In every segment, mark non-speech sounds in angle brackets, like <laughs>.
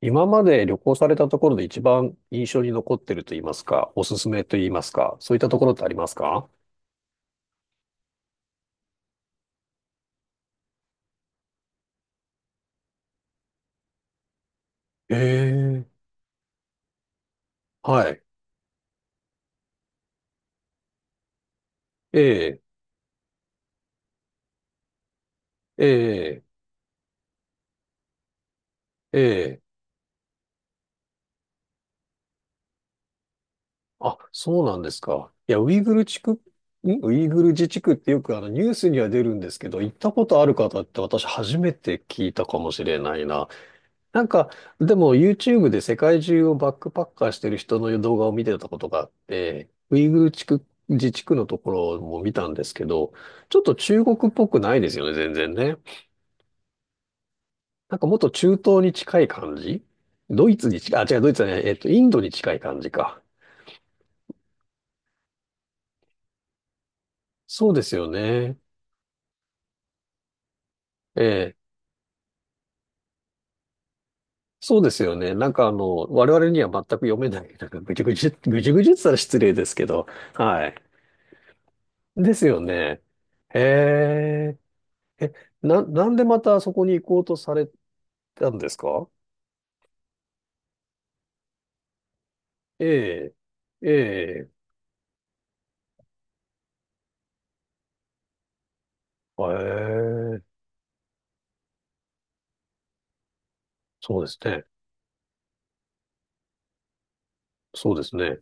今まで旅行されたところで一番印象に残ってると言いますか、おすすめと言いますか、そういったところってありますか？ええ、はい。ええ、ええ、ええ。あ、そうなんですか。いや、ウイグル地区、ウイグル自治区ってよくあのニュースには出るんですけど、行ったことある方って私初めて聞いたかもしれないな。なんか、でも YouTube で世界中をバックパッカーしてる人の動画を見てたことがあって、ウイグル地区、自治区のところも見たんですけど、ちょっと中国っぽくないですよね、全然ね。なんかもっと中東に近い感じ、ドイツに近い、あ、違う、ドイツじゃない、インドに近い感じか。そうですよね。ええ、そうですよね。なんかあの、我々には全く読めない、なんかぐじゅぐじゅ、ぐじゅぐじゅって言ったら失礼ですけど、はい。ですよね。へー、なんでまたそこに行こうとされたんですか？ええ、ええ、ええ、そうですね。そうですね。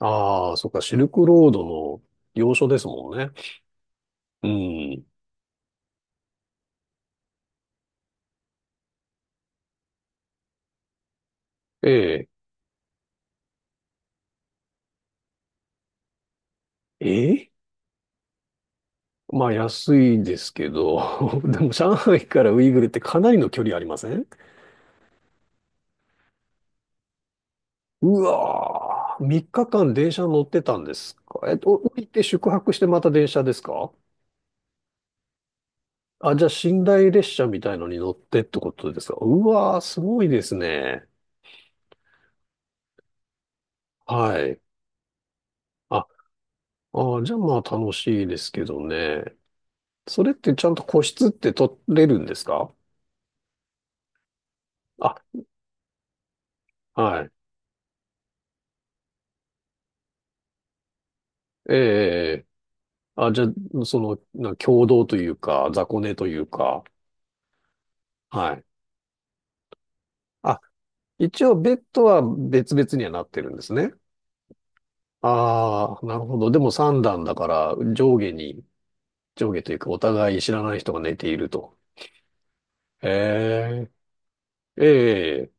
ああ、そっか、シルクロードの要所ですもんね。うん。ええ、ええ、まあ安いですけど、<laughs> でも上海からウイグルってかなりの距離ありません？うわー、3日間電車乗ってたんですか？降りて宿泊してまた電車ですか？あ、じゃあ、寝台列車みたいのに乗ってってことですか？うわー、すごいですね。はい。あ、あー、じゃあまあ楽しいですけどね。それってちゃんと個室って取れるんですか？あ、はい。ええ、ええ、あ、じゃあ、その、共同というか、雑魚寝というか、はい。あ、一応ベッドは別々にはなってるんですね。ああ、なるほど。でも三段だから、上下に、上下というか、お互い知らない人が寝ていると。へえ。ええ、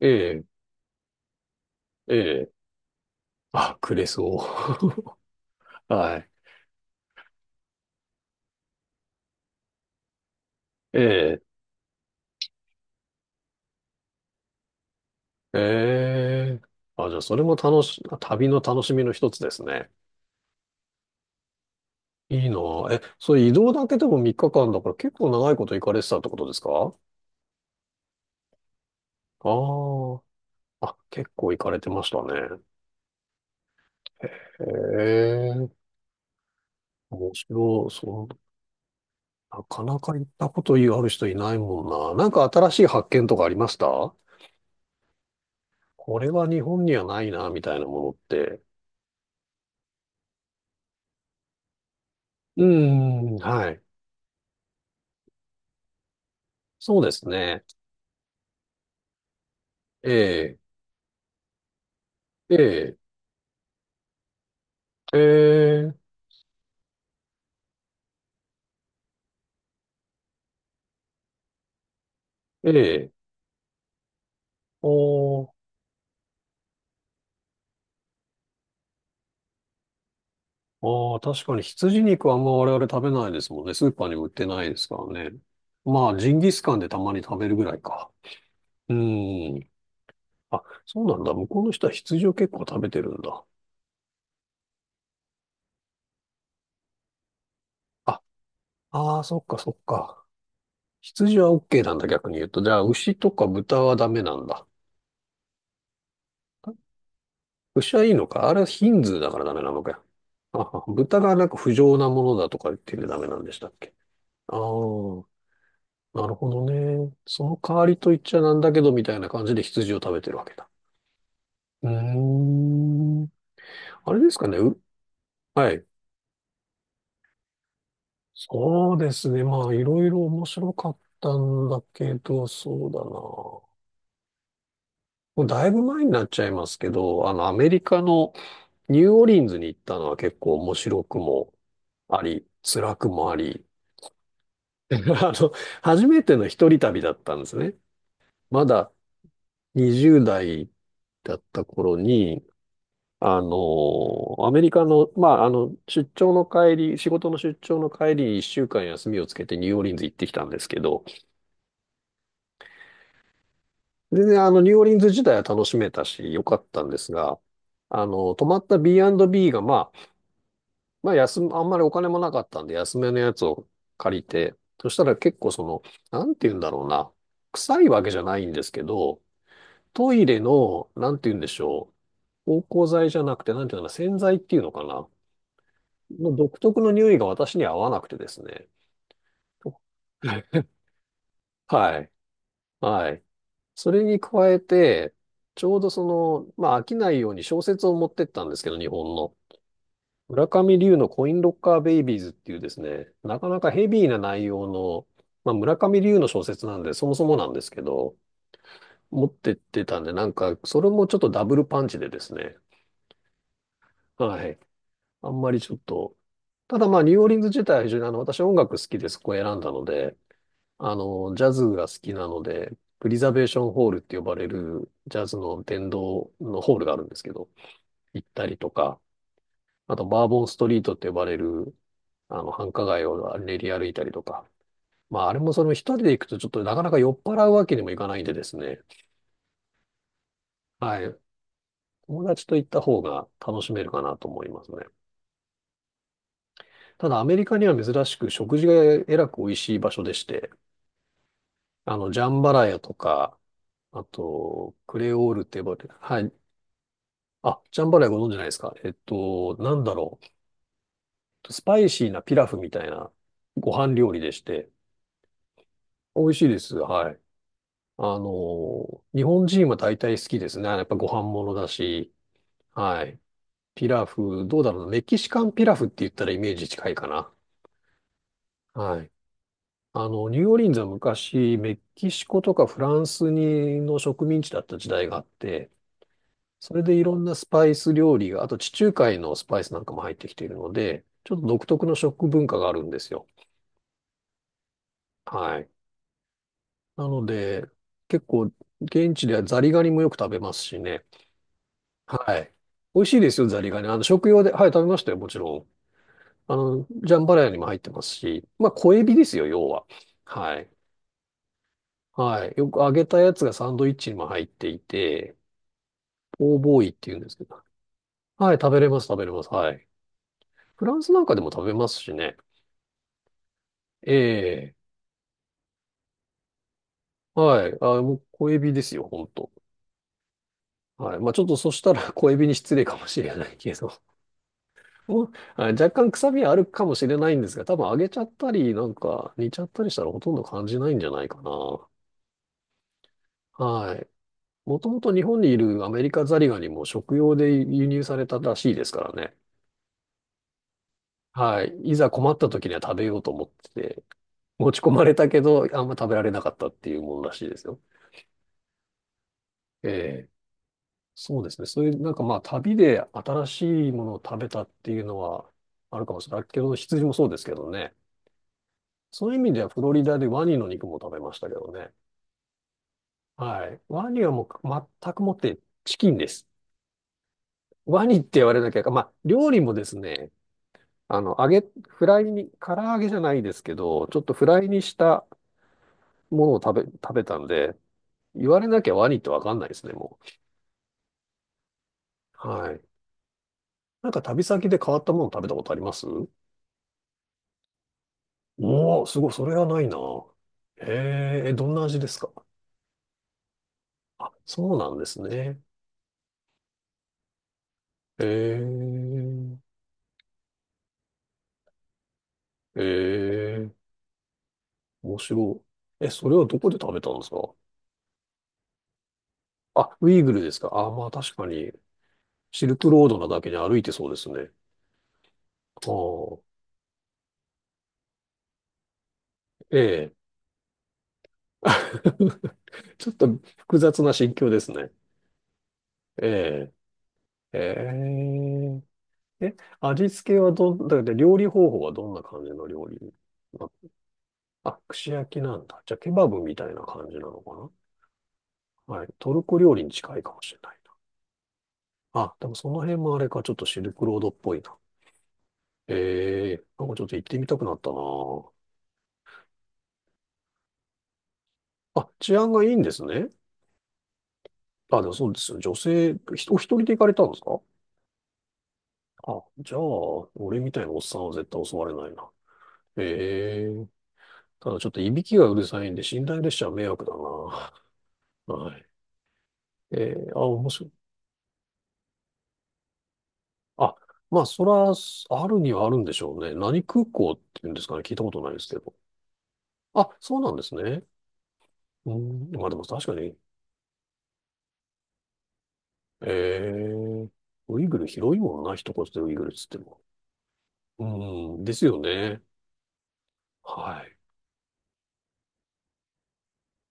ええ、ええ、あ、くれそう。<laughs> はい。ええ、ええ。あ、じゃあ、それも楽し、旅の楽しみの一つですね。いいなあ。え、それ移動だけでも3日間だから結構長いこと行かれてたってことですか？あ、ああ、結構行かれてましたね。へえ、面白い。そう、なかなか行ったことある人いないもんな。なんか新しい発見とかありました？これは日本にはないな、みたいなものって。うーん、はい。そうですね。ええ、ええ、ええ、ええ、おー、ああ、確かに羊肉はあんま我々食べないですもんね。スーパーにも売ってないですからね。まあ、ジンギスカンでたまに食べるぐらいか。うん。あ、そうなんだ。向こうの人は羊を結構食べてるんだ。あ、ああ、そっかそっか。羊は OK なんだ、逆に言うと。じゃあ、牛とか豚はダメなんだ。牛はいいのか、あれはヒンズーだからダメなのかよ。あ、豚がなんか不浄なものだとか言ってダメなんでしたっけ？ああ、なるほどね。その代わりと言っちゃなんだけど、みたいな感じで羊を食べてるわけだ。うーん。あれですかね。はい。そうですね。まあ、いろいろ面白かったんだけど、そうだな。もうだいぶ前になっちゃいますけど、あの、アメリカのニューオリンズに行ったのは結構面白くもあり、辛くもあり、<laughs> あの、初めての一人旅だったんですね。まだ20代だった頃に、あの、アメリカの、まあ、あの、出張の帰り、仕事の出張の帰り、一週間休みをつけてニューオーリンズ行ってきたんですけど、全然あの、ニューオーリンズ自体は楽しめたし、良かったんですが、あの、泊まった B&B が、まあ、まあ、休む、あんまりお金もなかったんで、安めのやつを借りて、そしたら結構その、なんて言うんだろうな、臭いわけじゃないんですけど、トイレの、なんて言うんでしょう、芳香剤じゃなくて、なんていうのかな、洗剤っていうのかな。の独特の匂いが私には合わなくてですね。<laughs> はい。はい。それに加えて、ちょうどその、まあ飽きないように小説を持ってったんですけど、日本の。村上龍のコインロッカーベイビーズっていうですね、なかなかヘビーな内容の、まあ村上龍の小説なんで、そもそもなんですけど、持ってってたんで、なんか、それもちょっとダブルパンチでですね。はい。あんまりちょっと、ただまあ、ニューオーリンズ自体は非常にあの、私音楽好きでそこを選んだので、あの、ジャズが好きなので、プリザベーションホールって呼ばれるジャズの殿堂のホールがあるんですけど、行ったりとか、あとバーボンストリートって呼ばれる、あの、繁華街を練り歩いたりとか。まあ、あれもその一人で行くとちょっとなかなか酔っ払うわけにもいかないんでですね。はい。友達と行った方が楽しめるかなと思いますね。ただアメリカには珍しく食事がえらく美味しい場所でして、あの、ジャンバラヤとか、あと、クレオールって呼ばれる、はい、あ、ジャンバラヤご存知ないですか？なんだろう。スパイシーなピラフみたいなご飯料理でして、美味しいです。はい。あの、日本人は大体好きですね。やっぱご飯ものだし、はい。ピラフ、どうだろうな。メキシカンピラフって言ったらイメージ近いかな。はい。あの、ニューオーリンズは昔、メキシコとかフランスにの植民地だった時代があって、それでいろんなスパイス料理が、あと地中海のスパイスなんかも入ってきているので、ちょっと独特の食文化があるんですよ。はい。なので、結構、現地ではザリガニもよく食べますしね。はい。美味しいですよ、ザリガニ。あの、食用で、はい、食べましたよ、もちろん。あの、ジャンバラヤにも入ってますし、まあ、小エビですよ、要は。はい。はい。よく揚げたやつがサンドイッチにも入っていて、ポーボーイって言うんですけど。はい、食べれます、食べれます。はい。フランスなんかでも食べますしね。ええ、はい。あ、もう小エビですよ、ほんと。はい。まあちょっとそしたら <laughs> 小エビに失礼かもしれないけど、<laughs> もう、はい、若干臭みはあるかもしれないんですが、多分揚げちゃったり、なんか煮ちゃったりしたらほとんど感じないんじゃないかな。はい。もともと日本にいるアメリカザリガニも食用で輸入されたらしいですからね。はい。いざ困った時には食べようと思ってて、持ち込まれたけど、あんま食べられなかったっていうものらしいですよ。ええ、そうですね。そういう、なんかまあ、旅で新しいものを食べたっていうのはあるかもしれないけど、羊もそうですけどね。そういう意味ではフロリダでワニの肉も食べましたけどね。はい。ワニはもう全くもってチキンです。ワニって言われなきゃ、まあ、料理もですね、あの、揚げ、フライに、唐揚げじゃないですけど、ちょっとフライにしたものを食べたんで、言われなきゃワニってわかんないですね、もう。はい。なんか旅先で変わったもの食べたことあります？おお、すごい、それはないな。へえー、どんな味ですか？あ、そうなんですね。へえー、へえー、面白い。え、それはどこで食べたんですか？あ、ウイグルですか？あ、まあ確かに、シルクロードなだけに歩いてそうですね。あー、ええ。<laughs> ちょっと複雑な心境ですね。ええ、ええ、え、味付けはどん、だって料理方法はどんな感じの料理？あ、串焼きなんだ。じゃあ、ケバブみたいな感じなのかな。はい。トルコ料理に近いかもしれないな。あ、でもその辺もあれか、ちょっとシルクロードっぽいな。ええ、なんかちょっと行ってみたくなったなあ。あ、治安がいいんですね。あ、でもそうですよ。女性、お一人で行かれたんですか？あ、じゃあ、俺みたいなおっさんは絶対襲われないな。ええ、ただちょっといびきがうるさいんで、寝台列車は迷惑だな。はい。ええ、あ、面白い。あ、まあ、そら、あるにはあるんでしょうね。何空港っていうんですかね。聞いたことないですけど。あ、そうなんですね。うん、まあでも確かに、えー、ウイグル広いもんな、一言でウイグルっつっても。うん、ですよね。はい。